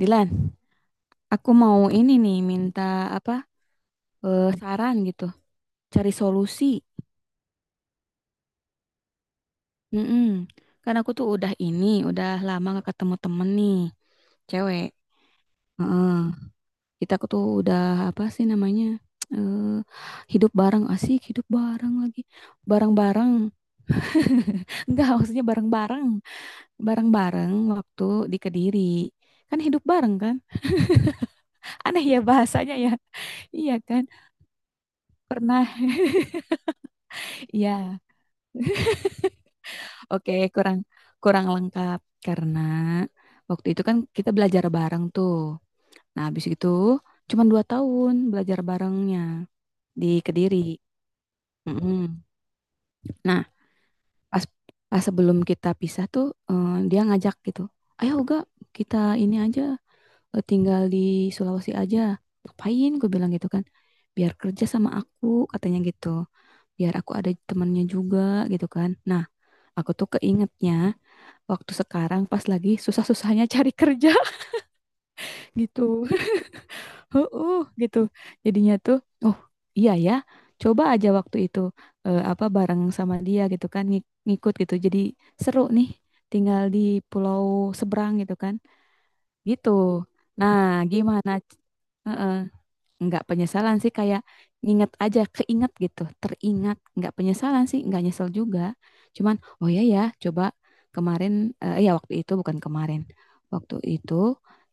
Dilan, aku mau ini nih minta apa saran gitu, cari solusi. Mm-mm. Kan aku tuh udah ini, udah lama gak ketemu temen nih, cewek. Heeh. Kita aku tuh udah apa sih namanya? eh Hidup bareng asik, hidup bareng lagi, bareng-bareng. Enggak, maksudnya bareng-bareng, bareng-bareng waktu di Kediri. Kan hidup bareng kan? Aneh ya bahasanya ya. Iya kan? Pernah. Iya. Oke, kurang kurang lengkap karena waktu itu kan kita belajar bareng tuh. Nah, habis itu cuma dua tahun belajar barengnya di Kediri. Mm-mm. Nah, pas pas sebelum kita pisah tuh dia ngajak gitu, ayo Uga kita ini aja tinggal di Sulawesi aja. Ngapain? Gue bilang gitu kan, biar kerja sama aku katanya gitu, biar aku ada temannya juga gitu kan. Nah, aku tuh keingetnya waktu sekarang pas lagi susah-susahnya cari kerja gitu. Heeh, gitu. Jadinya tuh, oh iya ya, coba aja waktu itu apa bareng sama dia gitu kan ngikut gitu. Jadi seru nih tinggal di pulau seberang gitu kan. Gitu. Nah, gimana? Heeh, nggak penyesalan sih, kayak nginget aja keinget gitu teringat, nggak penyesalan sih, nggak nyesel juga, cuman oh ya ya coba kemarin, ya waktu itu bukan kemarin, waktu itu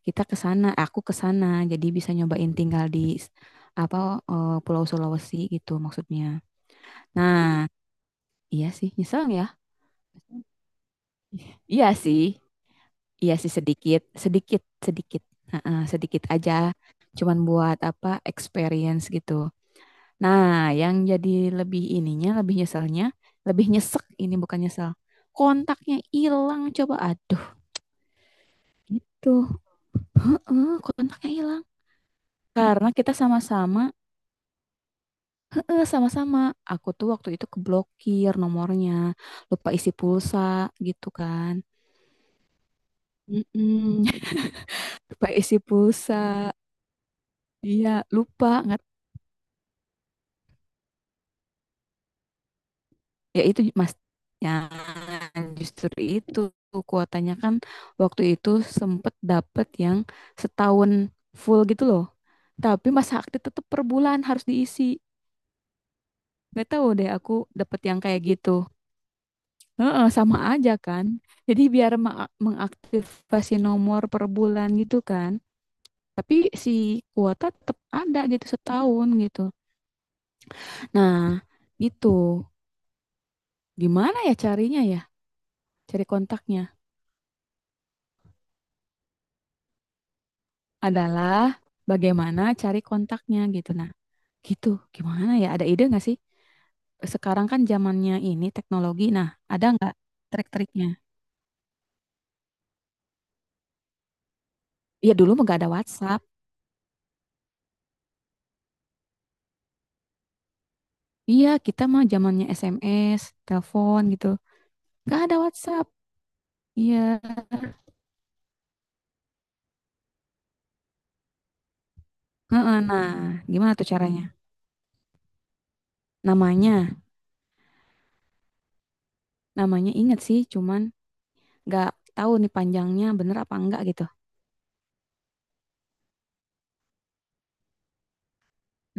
kita ke sana aku ke sana jadi bisa nyobain tinggal di apa, Pulau Sulawesi gitu maksudnya. Nah, iya sih nyesel nggak, ya iya sih, iya sih sedikit sedikit sedikit. Heeh, sedikit aja, cuman buat apa experience gitu. Nah, yang jadi lebih ininya, lebih nyeselnya, lebih nyesek ini bukan nyesel. Kontaknya hilang coba. Aduh, gitu. Heeh, kontaknya hilang. Karena kita sama-sama, heeh, sama-sama. Aku tuh waktu itu keblokir nomornya, lupa isi pulsa gitu kan. Mm-mm. Lupa isi pulsa. Iya, lupa. Nggak. Ya itu Mas. Ya justru itu kuotanya kan waktu itu sempet dapet yang setahun full gitu loh. Tapi masa aktif tetap per bulan harus diisi. Gak tahu deh aku dapet yang kayak gitu. Heeh, sama aja kan. Jadi biar mengaktifasi nomor per bulan gitu kan. Tapi si kuota tetap ada gitu setahun gitu. Nah, itu gimana ya carinya ya? Cari kontaknya. Adalah bagaimana cari kontaknya gitu. Nah, gitu. Gimana ya? Ada ide nggak sih? Sekarang kan zamannya ini teknologi. Nah, ada nggak trik-triknya? Iya dulu mah nggak ada WhatsApp. Iya, kita mah zamannya SMS, telepon gitu. Nggak ada WhatsApp. Iya. Heeh. Nah, gimana tuh caranya? Namanya, namanya inget sih, cuman nggak tahu nih panjangnya bener apa enggak gitu.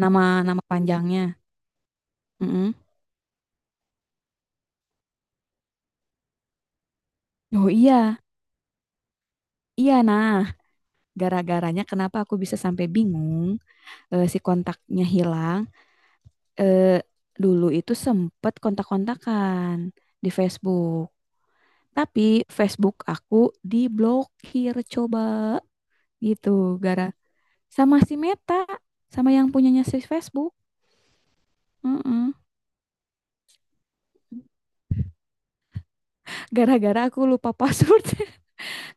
Nama nama panjangnya. Mm-mm. Oh iya, iya nah. Gara-garanya kenapa aku bisa sampai bingung, si kontaknya hilang. Eh, Dulu itu sempet kontak-kontakan di Facebook. Tapi Facebook aku diblokir coba gitu, sama si Meta, sama yang punyanya si Facebook. Mm-mm. Gara-gara aku lupa password.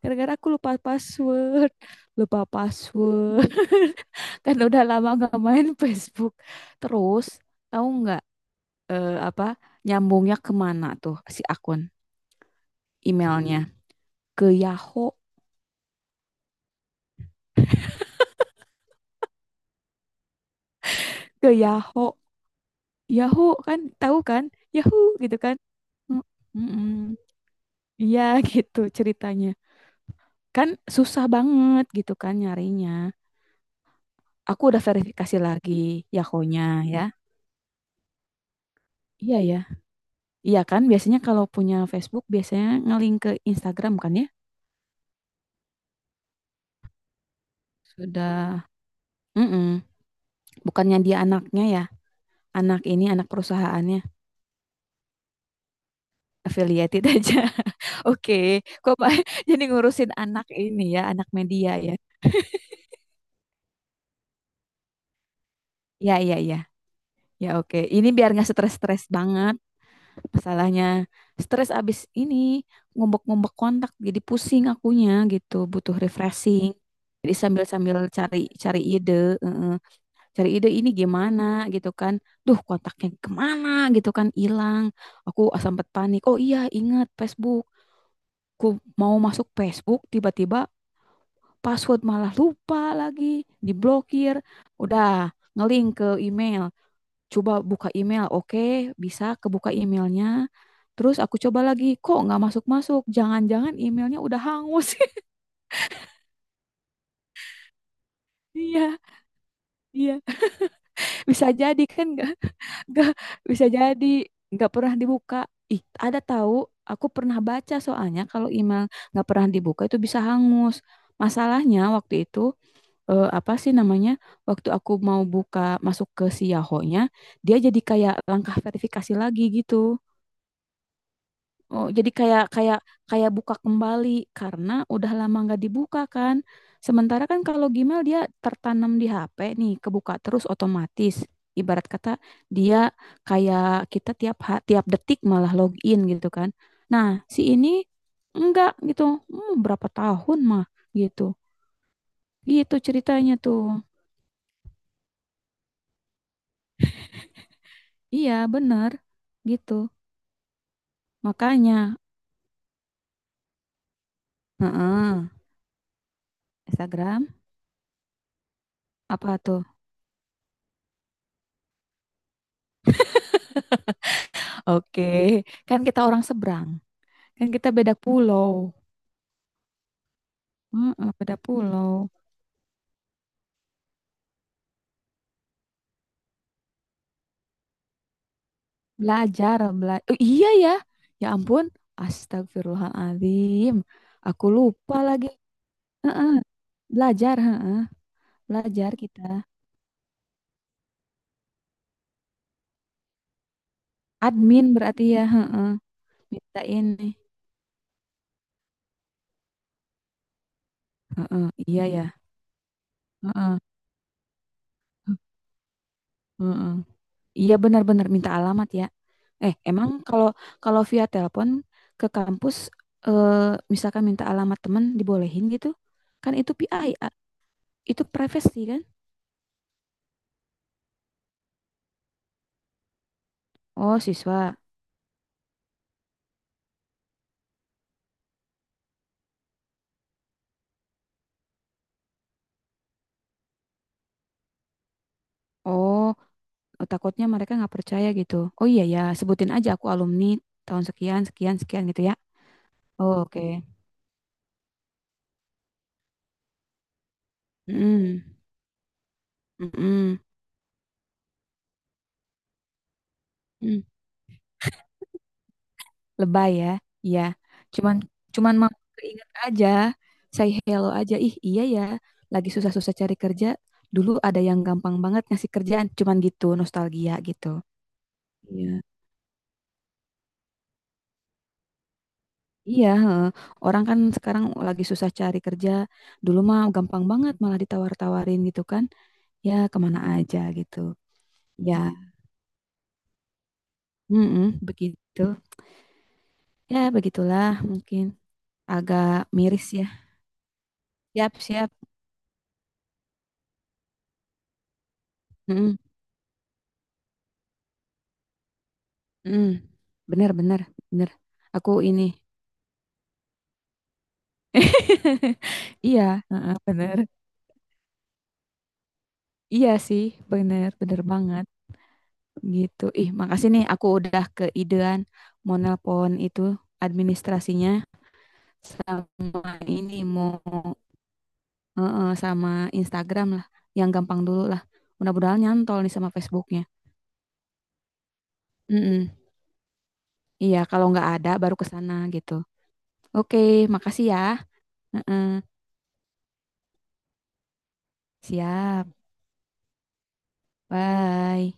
Gara-gara aku lupa password. Lupa password. Kan udah lama gak main Facebook. Terus tahu nggak, apa nyambungnya kemana tuh si akun emailnya? Ke Yahoo. ke Yahoo Yahoo kan tahu kan, Yahoo gitu kan. Mm, mm-mm. Iya, gitu ceritanya kan, susah banget gitu kan nyarinya. Aku udah verifikasi lagi Yahoo-nya, ya iya ya, iya kan biasanya kalau punya Facebook biasanya ngelink ke Instagram kan ya, sudah. mm Bukannya dia anaknya ya, anak ini anak perusahaannya affiliated aja. Oke, kok Pak jadi ngurusin anak ini ya, anak media ya. Ya, ya, ya. Ya, oke. Ini biar nggak stres-stres banget masalahnya. Stres abis ini ngumbek-ngumbek kontak jadi pusing akunya gitu, butuh refreshing. Jadi sambil-sambil cari cari ide, eh, cari ide ini gimana gitu kan. Duh, kontaknya kemana gitu kan hilang. Aku sempat panik. Oh iya, ingat Facebook. Aku mau masuk Facebook, tiba-tiba password malah lupa lagi, diblokir. Udah ngelink ke email, coba buka email, oke bisa kebuka emailnya. Terus aku coba lagi, kok nggak masuk-masuk? Jangan-jangan emailnya udah hangus. Iya, iya. Bisa jadi kan nggak bisa jadi nggak pernah dibuka. Ih, ada tahu? Aku pernah baca soalnya kalau email nggak pernah dibuka itu bisa hangus. Masalahnya waktu itu, apa sih namanya? Waktu aku mau buka masuk ke si Yahoo-nya, dia jadi kayak langkah verifikasi lagi gitu. Oh, jadi kayak kayak kayak buka kembali karena udah lama nggak dibuka kan. Sementara kan kalau Gmail dia tertanam di HP nih, kebuka terus otomatis. Ibarat kata dia kayak kita tiap tiap detik malah login gitu kan. Nah, si ini enggak gitu. Hmm, berapa tahun mah gitu. Gitu ceritanya tuh. Iya, bener gitu. Makanya, heeh, Instagram apa tuh? Oke, kan kita orang seberang, kan kita beda pulau. Heeh, beda pulau. Belajar, belajar. Iya ya. Ya ampun, astagfirullahaladzim. Aku lupa lagi. Heeh, belajar, heeh, belajar kita. Admin berarti ya, heeh, minta ini. Heeh, iya ya. Heeh, heeh. Iya benar-benar minta alamat ya. Emang kalau kalau via telepon ke kampus, eh, misalkan minta alamat teman dibolehin gitu? Kan itu PI, A- itu privasi kan? Oh, siswa. Oh, oh, takutnya mereka nggak percaya gitu. Oh iya ya, sebutin aja aku alumni tahun sekian, sekian, sekian gitu ya. Oh, oke. Mm-mm. Mm-mm. Mm. Lebay ya. Iya. Cuman cuman mau keinget aja. Say hello aja. Ih, iya ya. Lagi susah-susah cari kerja. Dulu ada yang gampang banget ngasih kerjaan. Cuman gitu, nostalgia gitu. Iya. Iya, heeh. Orang kan sekarang lagi susah cari kerja. Dulu mah gampang banget malah ditawar-tawarin gitu kan. Ya, kemana aja gitu. Ya, mm begitu. Ya, begitulah mungkin agak miris ya. Siap, siap. Mm-mm. Hmm, bener bener bener. Aku ini. Iya. Heeh, bener. Iya sih, bener bener banget gitu. Ih, makasih nih aku udah keidean mau nelpon itu administrasinya, sama ini mau, heeh, sama Instagram lah, yang gampang dulu lah. Mudah-mudahan nyantol nih sama Facebooknya. Mm-mm. Iya, kalau nggak ada baru ke sana gitu. Oke, makasih ya. Heeh, siap. Bye.